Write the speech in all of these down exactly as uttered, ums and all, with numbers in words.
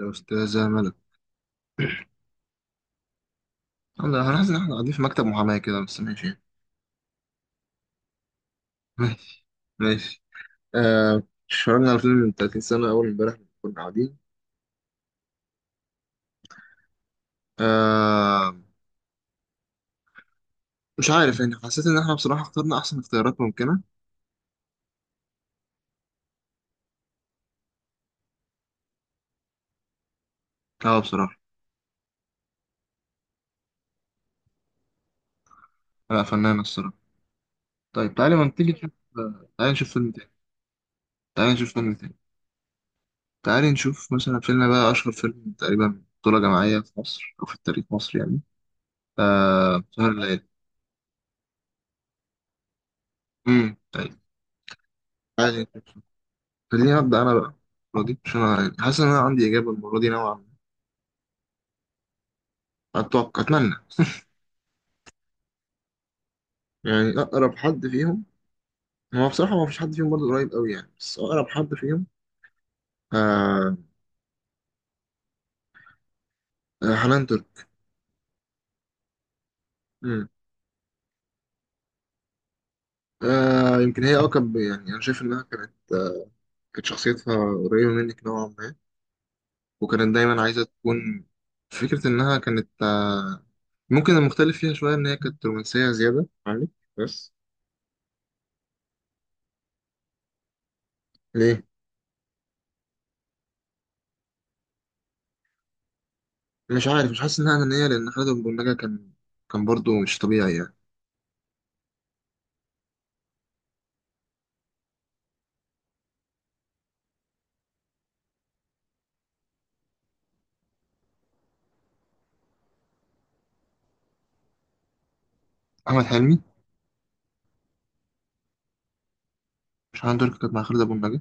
يا أستاذة ملك، أنا هنحس إن إحنا قاعدين في مكتب محاماة كده. بس ماشي ماشي ماشي آه اتفرجنا على فيلم من تلاتين سنة، أول إمبارح كنا قاعدين. آه، مش عارف يعني، حسيت إن إحنا بصراحة اخترنا أحسن اختيارات ممكنة. أه بصراحة. لا، فنانة الصراحة. طيب تعالي ما نبتدي نشوف. آه، تعالي نشوف فيلم تاني. تعالي نشوف فيلم تاني تعالي نشوف مثلا فيلم بقى، أشهر فيلم تقريبا بطولة جماعية في مصر، أو في التاريخ مصر يعني. آه، سهر الليالي. أمم، طيب. تعالي نشوف. خليني أبدأ أنا بقى المرة دي، عشان أنا حاسس إن أنا عندي إجابة المرة دي نوعا ما، أتوقع أتمنى يعني أقرب حد فيهم، هو بصراحة ما فيش حد فيهم برضه قريب أوي يعني، بس أقرب حد فيهم آه، آه، حنان ترك. مم. آه يمكن هي أقرب، يعني أنا شايف إنها كانت آه، كانت شخصيتها قريبة منك نوعا ما، وكانت دايما عايزة تكون، فكرة إنها كانت آه، ممكن المختلف فيها شوية إن هي كانت رومانسية زيادة عنك بس. ليه؟ مش عارف، مش حاسس إنها أنانية، لأن خالد أبو النجا كان، كان برضه مش طبيعي يعني. احمد حلمي؟ مش عنده اللي كانت مع خالد ابو النجا؟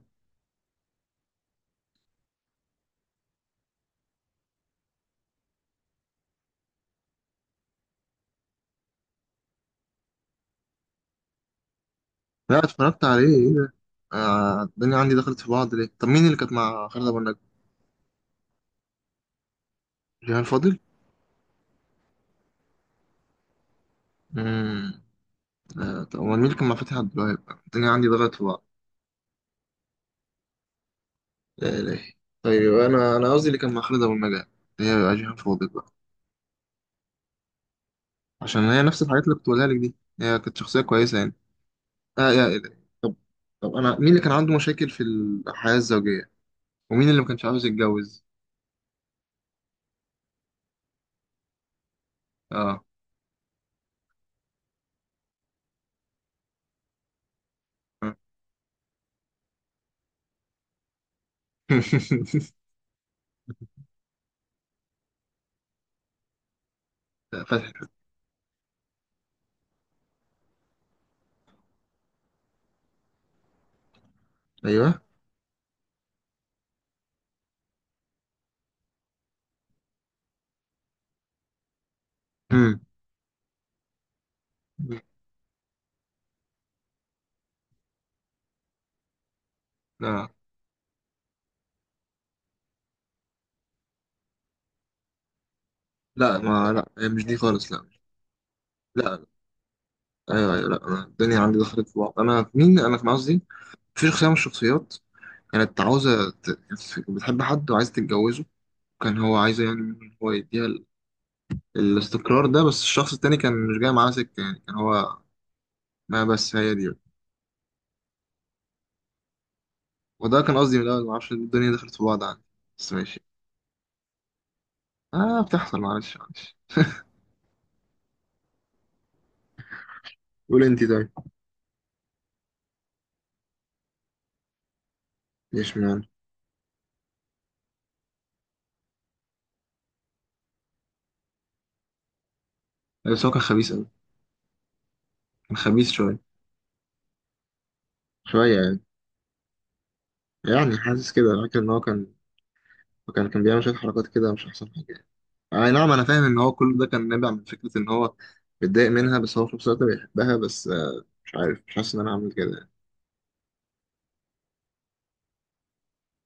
لا اتفرجت عليه، ايه ده؟ آه الدنيا عندي دخلت في بعض. ليه؟ طب مين اللي كانت مع خالد ابو النجا؟ جيهان فاضل. امم. آه طب امال مين اللي كان مع فتحي عبد الوهاب؟ الدنيا عندي دخلت في بعض. لا اله. طيب انا انا قصدي اللي كان مع خالد ابو النجا، اللي هي بقى جيهان فاضل بقى. عشان هي نفس الحاجات اللي كنت بقولها لك دي. هي كانت شخصيه كويسه يعني. اه يا اله. طب، طب انا مين اللي كان عنده مشاكل في الحياه الزوجيه، ومين اللي ما كانش عاوز يتجوز؟ اه. فتحي. ايوه. امم. لا، لا ما، لا هي مش دي خالص، لا. لا، ايوه ايوه، لا انا الدنيا عندي دخلت في بعض. انا في مين انا كان قصدي؟ في شخصيه من الشخصيات كانت عاوزه ت... كانت بتحب حد وعايزه تتجوزه، كان هو عايزه يعني إن هو يديها ال... الاستقرار ده، بس الشخص التاني كان مش جاي معاه سكه يعني، كان هو. ما بس هي دي. وده كان قصدي من الاول، ما اعرفش الدنيا دخلت في بعض عندي، بس ماشي. اه بتحصل، معلش معلش. قول انت طيب. ليش مان؟ بس هو كان خبيث قوي. كان خبيث شويه، شويه يعني. يعني حاسس كده، فاكر ان هو كان، وكان كان بيعمل شوية حركات كده، مش أحسن حاجة يعني. أي نعم، أنا فاهم إن هو كل ده كان نابع من فكرة إن هو متضايق منها، بس هو في نفس الوقت بيحبها، بس آه، مش عارف، مش حاسس إن أنا هعمل كده يعني.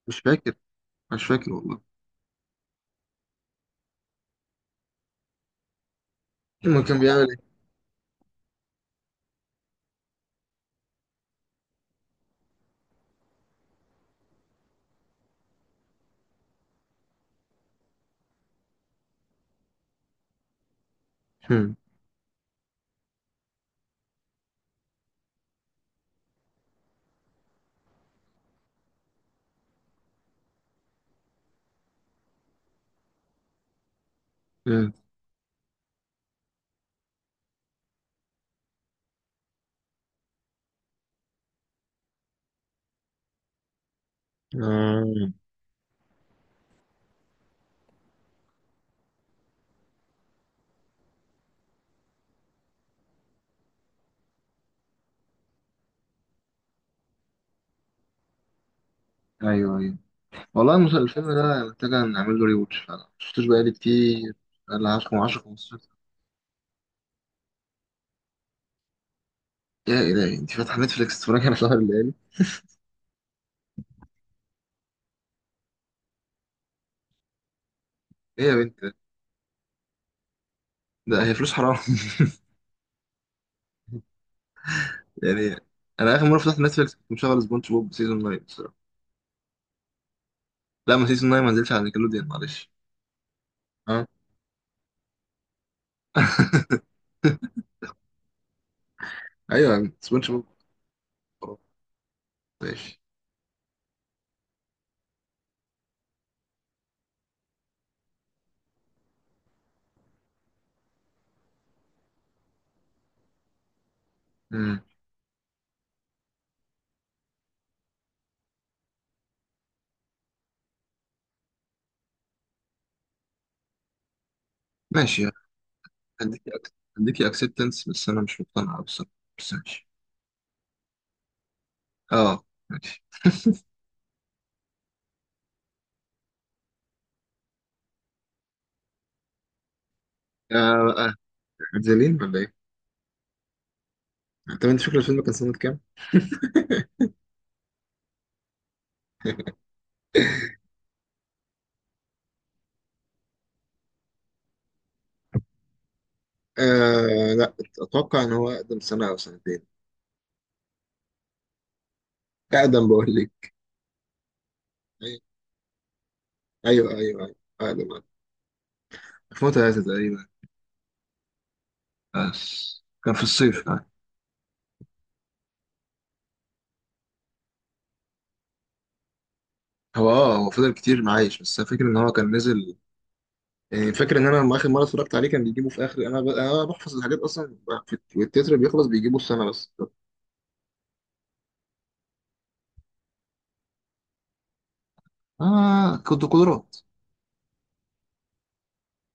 مش فاكر، مش فاكر والله. المهم كان بيعمل إيه؟ هم. هم. آه. أيوه أيوه، والله المسلسل، الفيلم ده محتاجة نعمل له ريوتش فعلا، مشفتوش بقالي كتير. بقالي 10 10 خمستاشر. يا إلهي أنت فاتحة نتفليكس تتفرجي على سهر الليالي؟ إيه يا بنت ده؟ ده هي فلوس حرام. يعني أنا آخر مرة فتحت نتفليكس كنت مشغل سبونج بوب سيزون تسعة. لا ما سيزون تسعة ما نزلش على نيكلوديان، معلش. اه. ايوه سبونج بوب. خلاص. ماشي. مم. ماشي. هديكي أك- هديكي اكسبتنس، بس انا مش مقتنع بصراحه، بس ماشي. اه. ماشي. آه، آه، زلين ولا ايه؟ طب انت فاكر الفيلم كان سنة كام؟ آه لا، اتوقع ان هو اقدم سنة او سنتين. اقدم بقول لك. ايوه ايوه ايوه أيوة، اقدم أقدم. ألفين وتلاتة تقريبا، بس كان في الصيف آه. هو اه هو فضل كتير معايش، بس فاكر ان هو كان نزل يعني. فاكر ان انا لما اخر مره اتفرجت عليه كان بيجيبوا في اخر انا ب... انا بحفظ الحاجات اصلا في التتر، بيخلص بيجيبوا السنه بس. اه كنت قدرات.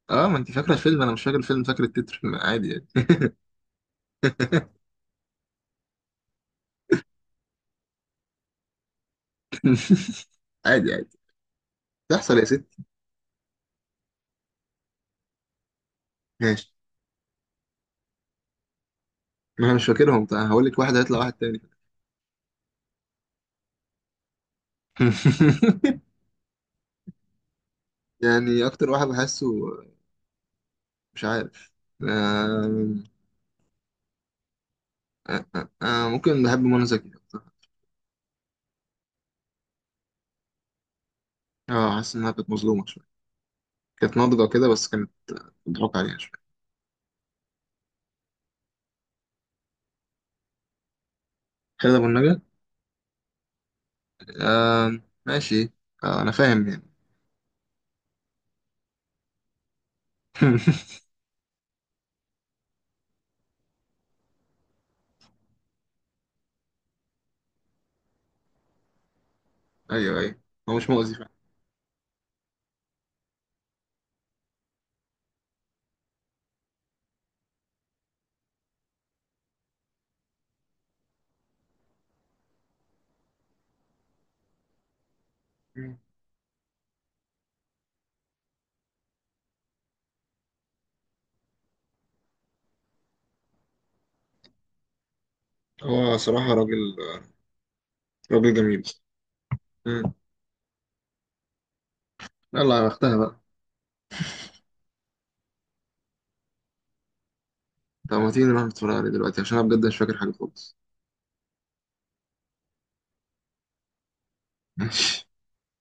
اه ما انت فاكره الفيلم، انا مش فاكر الفيلم، فاكر التتر عادي يعني. عادي عادي. تحصل يا ستي. ماشي، ما انا مش فاكرهم، طيب هقول لك واحد هيطلع واحد تاني. يعني اكتر واحد بحسه، مش عارف، آه... آه... آه... آه... ممكن بحب منى زكي أكتر. اه حاسس انها كانت مظلومه شويه، كانت ناضجه كده، بس كانت بتضحك عليها شويه. خالد ابو النجا. ماشي. آه، انا فاهم يعني. ايوه ايوه، هو مش مؤذي فعلا. مم. هو صراحة راجل، راجل جميل. مم. يلا اختها بقى. طب ما تيجي نروح نتفرج عليه دلوقتي، عشان انا بجد مش فاكر حاجة خالص. ماشي